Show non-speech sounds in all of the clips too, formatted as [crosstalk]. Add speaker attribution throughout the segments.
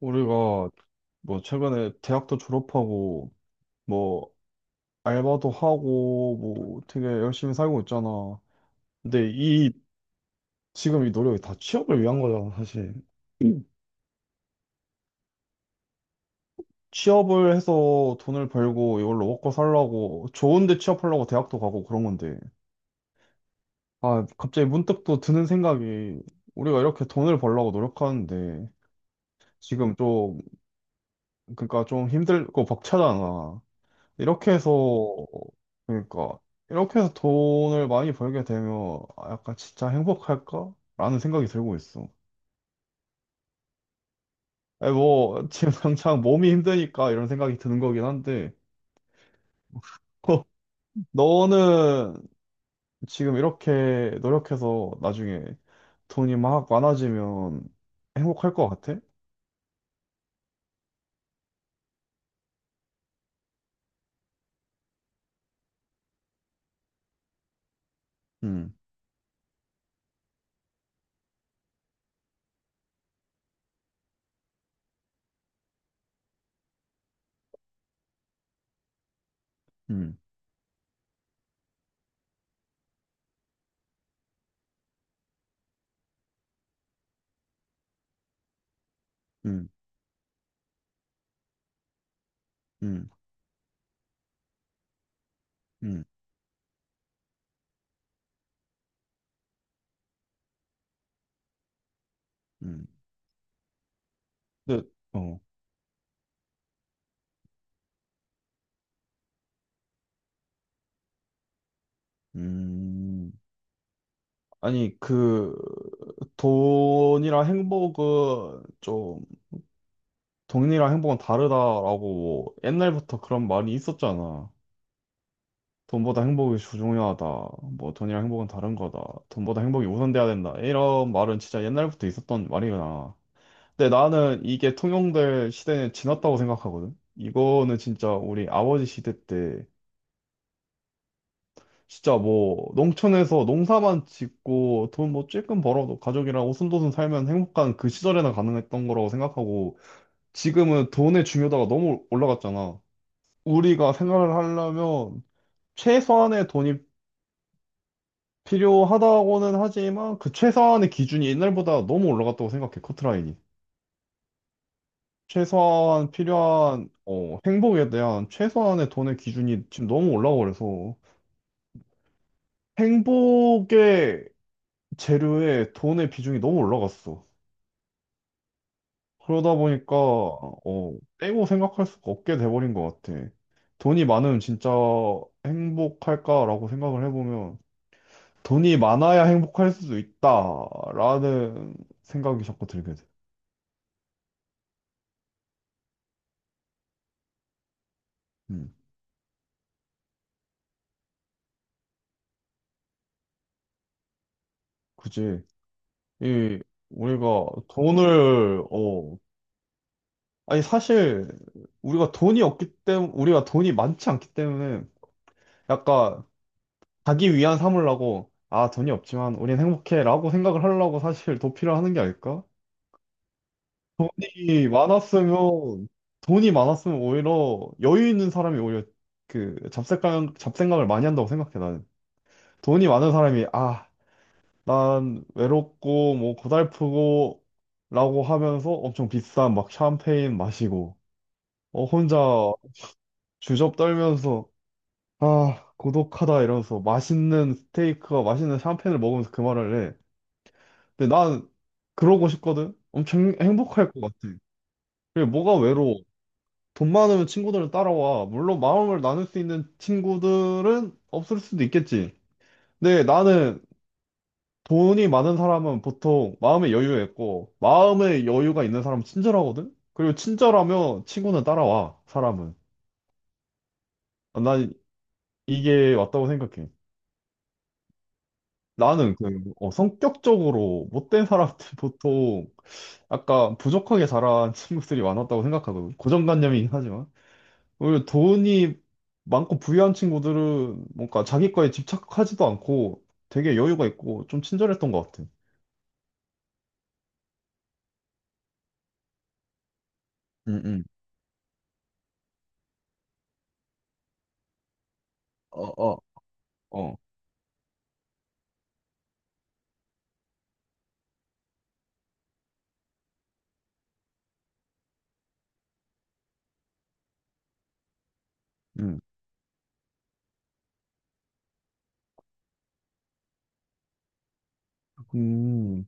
Speaker 1: 우리가 뭐 최근에 대학도 졸업하고 뭐 알바도 하고 뭐 되게 열심히 살고 있잖아. 근데 이 지금 이 노력이 다 취업을 위한 거잖아, 사실. 음. 취업을 해서 돈을 벌고 이걸로 먹고 살라고 좋은데 취업하려고 대학도 가고 그런 건데. 아, 갑자기 문득 또 드는 생각이 우리가 이렇게 돈을 벌려고 노력하는데 지금 좀, 그러니까 좀 힘들고 벅차잖아. 이렇게 해서, 그러니까, 이렇게 해서 돈을 많이 벌게 되면, 아, 약간 진짜 행복할까? 라는 생각이 들고 있어. 아니, 뭐, 지금 [laughs] 당장 몸이 힘드니까 이런 생각이 드는 거긴 한데, [laughs] 너는 지금 이렇게 노력해서 나중에 돈이 막 많아지면 행복할 것 같아? 음, 음, 음, 음, 음, 음. 근데, 어, 음. 아니, 그, 돈이랑 행복은 좀 돈이랑 행복은 다르다라고 뭐 옛날부터 그런 말이 있었잖아. 돈보다 행복이 중요하다. 뭐 돈이랑 행복은 다른 거다. 돈보다 행복이 우선돼야 된다. 이런 말은 진짜 옛날부터 있었던 말이구나. 근데 나는 이게 통용될 시대는 지났다고 생각하거든. 이거는 진짜 우리 아버지 시대 때 진짜 뭐 농촌에서 농사만 짓고 돈 뭐 찔끔 벌어도 가족이랑 오순도순 살면 행복한 그 시절에나 가능했던 거라고 생각하고, 지금은 돈의 중요도가 너무 올라갔잖아. 우리가 생활을 하려면 최소한의 돈이 필요하다고는 하지만 그 최소한의 기준이 옛날보다 너무 올라갔다고 생각해, 커트라인이. 최소한 필요한, 행복에 대한 최소한의 돈의 기준이 지금 너무 올라가 그래서 행복의 재료에 돈의 비중이 너무 올라갔어. 그러다 보니까 떼고 생각할 수가 없게 돼버린 것 같아. 돈이 많으면 진짜 행복할까라고 생각을 해보면 돈이 많아야 행복할 수도 있다라는 생각이 자꾸 들게 돼. 음, 그지. 이 우리가 돈을 어 아니, 사실 우리가 돈이 없기 때문에, 우리가 돈이 많지 않기 때문에 약간 자기 위안 삼으려고, 아, 돈이 없지만 우린 행복해라고 생각을 하려고, 사실 도피를 하는 게 아닐까? 돈이 많았으면 돈이 많았으면 오히려 여유 있는 사람이 오히려 그 잡생각을 많이 한다고 생각해 나는. 돈이 많은 사람이, 아, 난 외롭고 뭐 고달프고, 라고 하면서 엄청 비싼 막 샴페인 마시고 혼자 주접 떨면서, 아, 고독하다 이러면서 맛있는 스테이크와 맛있는 샴페인을 먹으면서 그 말을 해. 근데 난 그러고 싶거든. 엄청 행복할 것 같아. 그게 뭐가 외로워? 돈 많으면 친구들은 따라와. 물론 마음을 나눌 수 있는 친구들은 없을 수도 있겠지. 근데 나는 돈이 많은 사람은 보통 마음의 여유 있고, 마음의 여유가 있는 사람은 친절하거든? 그리고 친절하면 친구는 따라와, 사람은. 난 이게 맞다고 생각해. 나는 그, 성격적으로 못된 사람들 [laughs] 보통 약간 부족하게 자란 친구들이 많았다고 생각하거든. 고정관념이긴 하지만. 오히려 돈이 많고 부유한 친구들은 뭔가 자기 거에 집착하지도 않고 되게 여유가 있고 좀 친절했던 것 같아. 응, 응. 어, 어, 어. 응, 음,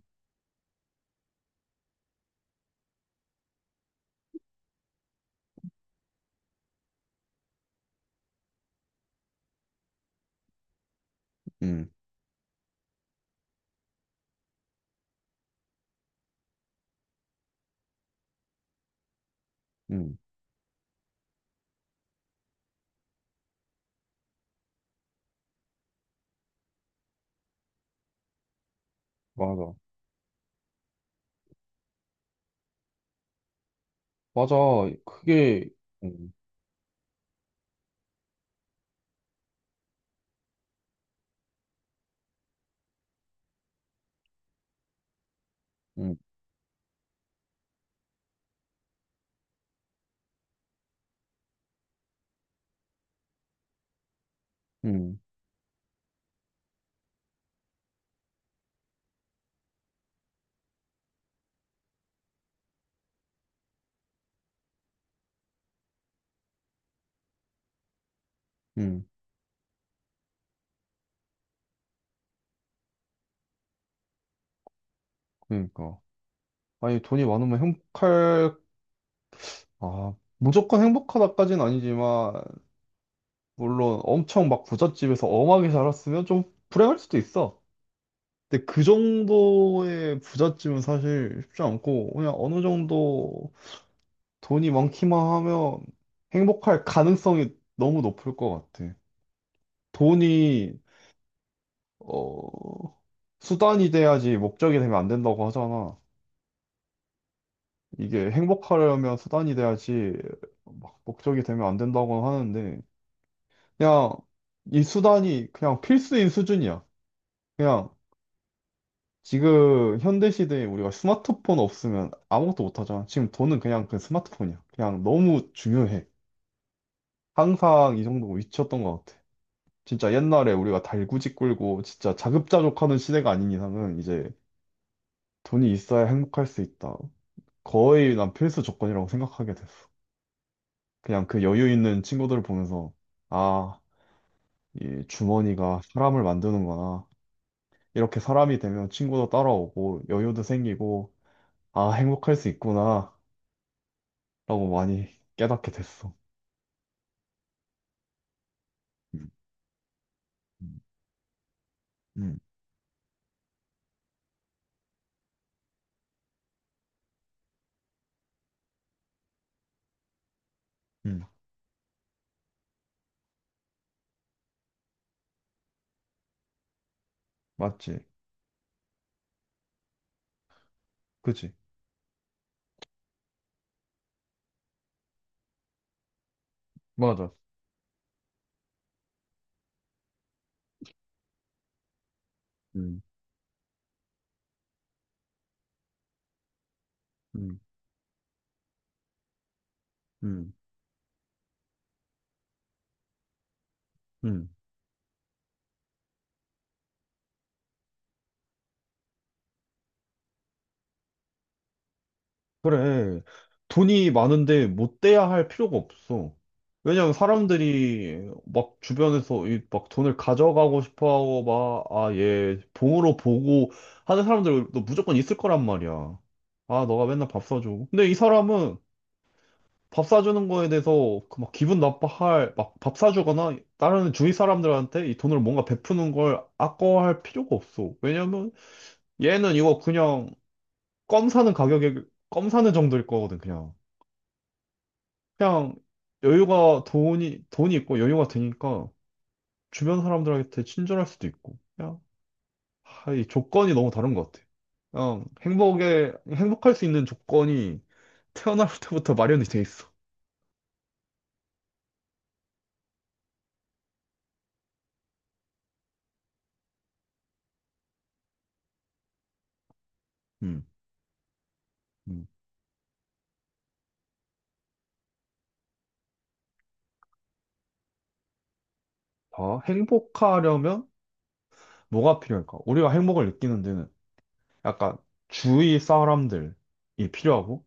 Speaker 1: 음. 음, 맞아. 맞아. 그게, 음, 음, 음, 음, 그러니까, 아니, 돈이 많으면 행복할, 아, 무조건 행복하다까진 아니지만, 물론 엄청 막 부잣집에서 엄하게 자랐으면 좀 불행할 수도 있어. 근데 그 정도의 부잣집은 사실 쉽지 않고, 그냥 어느 정도 돈이 많기만 하면 행복할 가능성이 너무 높을 것 같아. 돈이, 어, 수단이 돼야지 목적이 되면 안 된다고 하잖아. 이게 행복하려면 수단이 돼야지 막 목적이 되면 안 된다고 하는데, 그냥 이 수단이 그냥 필수인 수준이야. 그냥 지금 현대 시대에 우리가 스마트폰 없으면 아무것도 못 하잖아. 지금 돈은 그냥 그 스마트폰이야. 그냥 너무 중요해. 항상 이 정도 위치였던 것 같아. 진짜 옛날에 우리가 달구지 끌고 진짜 자급자족하는 시대가 아닌 이상은, 이제 돈이 있어야 행복할 수 있다. 거의 난 필수 조건이라고 생각하게 됐어. 그냥 그 여유 있는 친구들을 보면서, 아, 이 주머니가 사람을 만드는구나. 이렇게 사람이 되면 친구도 따라오고, 여유도 생기고, 아, 행복할 수 있구나, 라고 많이 깨닫게 됐어. 음, 음, 음, 음. 맞지? 그치? 맞아. 음, 음, 음, 음. 그래. 돈이 많은데 못 돼야 할 필요가 없어. 왜냐면 사람들이 막 주변에서 이 막 돈을 가져가고 싶어 하고 막, 아, 얘 봉으로 보고 하는 사람들도 무조건 있을 거란 말이야. 아, 너가 맨날 밥 사줘. 근데 이 사람은 밥 사주는 거에 대해서 그 막 기분 나빠할, 막 밥 사주거나 다른 주위 사람들한테 이 돈을 뭔가 베푸는 걸 아까워할 필요가 없어. 왜냐면 얘는 이거 그냥 껌 사는 가격에, 껌 사는 정도일 거거든, 그냥. 그냥 여유가, 돈이 있고 여유가 되니까 주변 사람들한테 친절할 수도 있고, 그냥 하, 이 조건이 너무 다른 것 같아. 그냥 행복에, 행복할 수 있는 조건이 태어날 [laughs] 때부터 마련이 돼 있어. 음, 음. 다 행복하려면 뭐가 필요할까? 우리가 행복을 느끼는 데는 약간 주위 사람들이 필요하고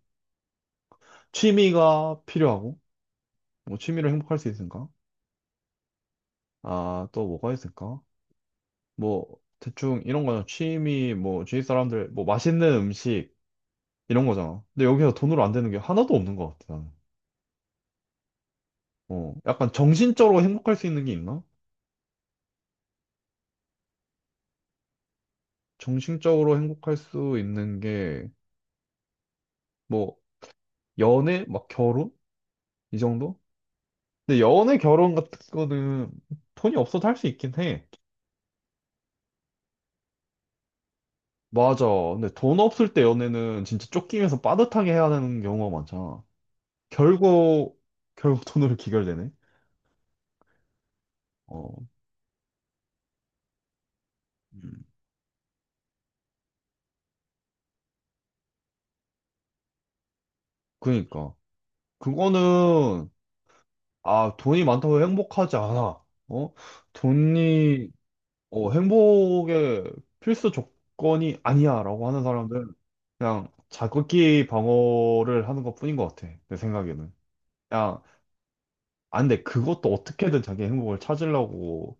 Speaker 1: 취미가 필요하고, 뭐 취미로 행복할 수 있을까? 아, 또 뭐가 있을까? 뭐 대충 이런 거잖아. 취미 뭐 주위 사람들 뭐 맛있는 음식, 이런 거잖아. 근데 여기서 돈으로 안 되는 게 하나도 없는 것 같아 나는. 약간 정신적으로 행복할 수 있는 게 있나? 정신적으로 행복할 수 있는 게 뭐 연애 막 결혼, 이 정도? 근데 연애 결혼 같은 거는 돈이 없어도 할 수 있긴 해. 맞아. 근데 돈 없을 때 연애는 진짜 쫓기면서 빠듯하게 해야 되는 경우가 많잖아. 결국 결국 돈으로 [laughs] 귀결되네. 어, 음. 그니까. 그거는, 아, 돈이 많다고 행복하지 않아. 어? 돈이, 행복의 필수 조건이 아니야, 라고 하는 사람들은 그냥 자극기 방어를 하는 것 뿐인 것 같아, 내 생각에는. 그냥, 아, 근데 그것도 어떻게든 자기 행복을 찾으려고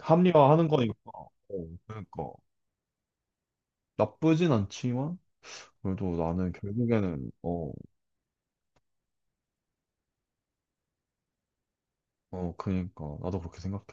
Speaker 1: 합리화하는 거니까. 어, 그러니까. 나쁘진 않지만, 그래도 나는 결국에는, 그러니까, 나도 그렇게 생각해.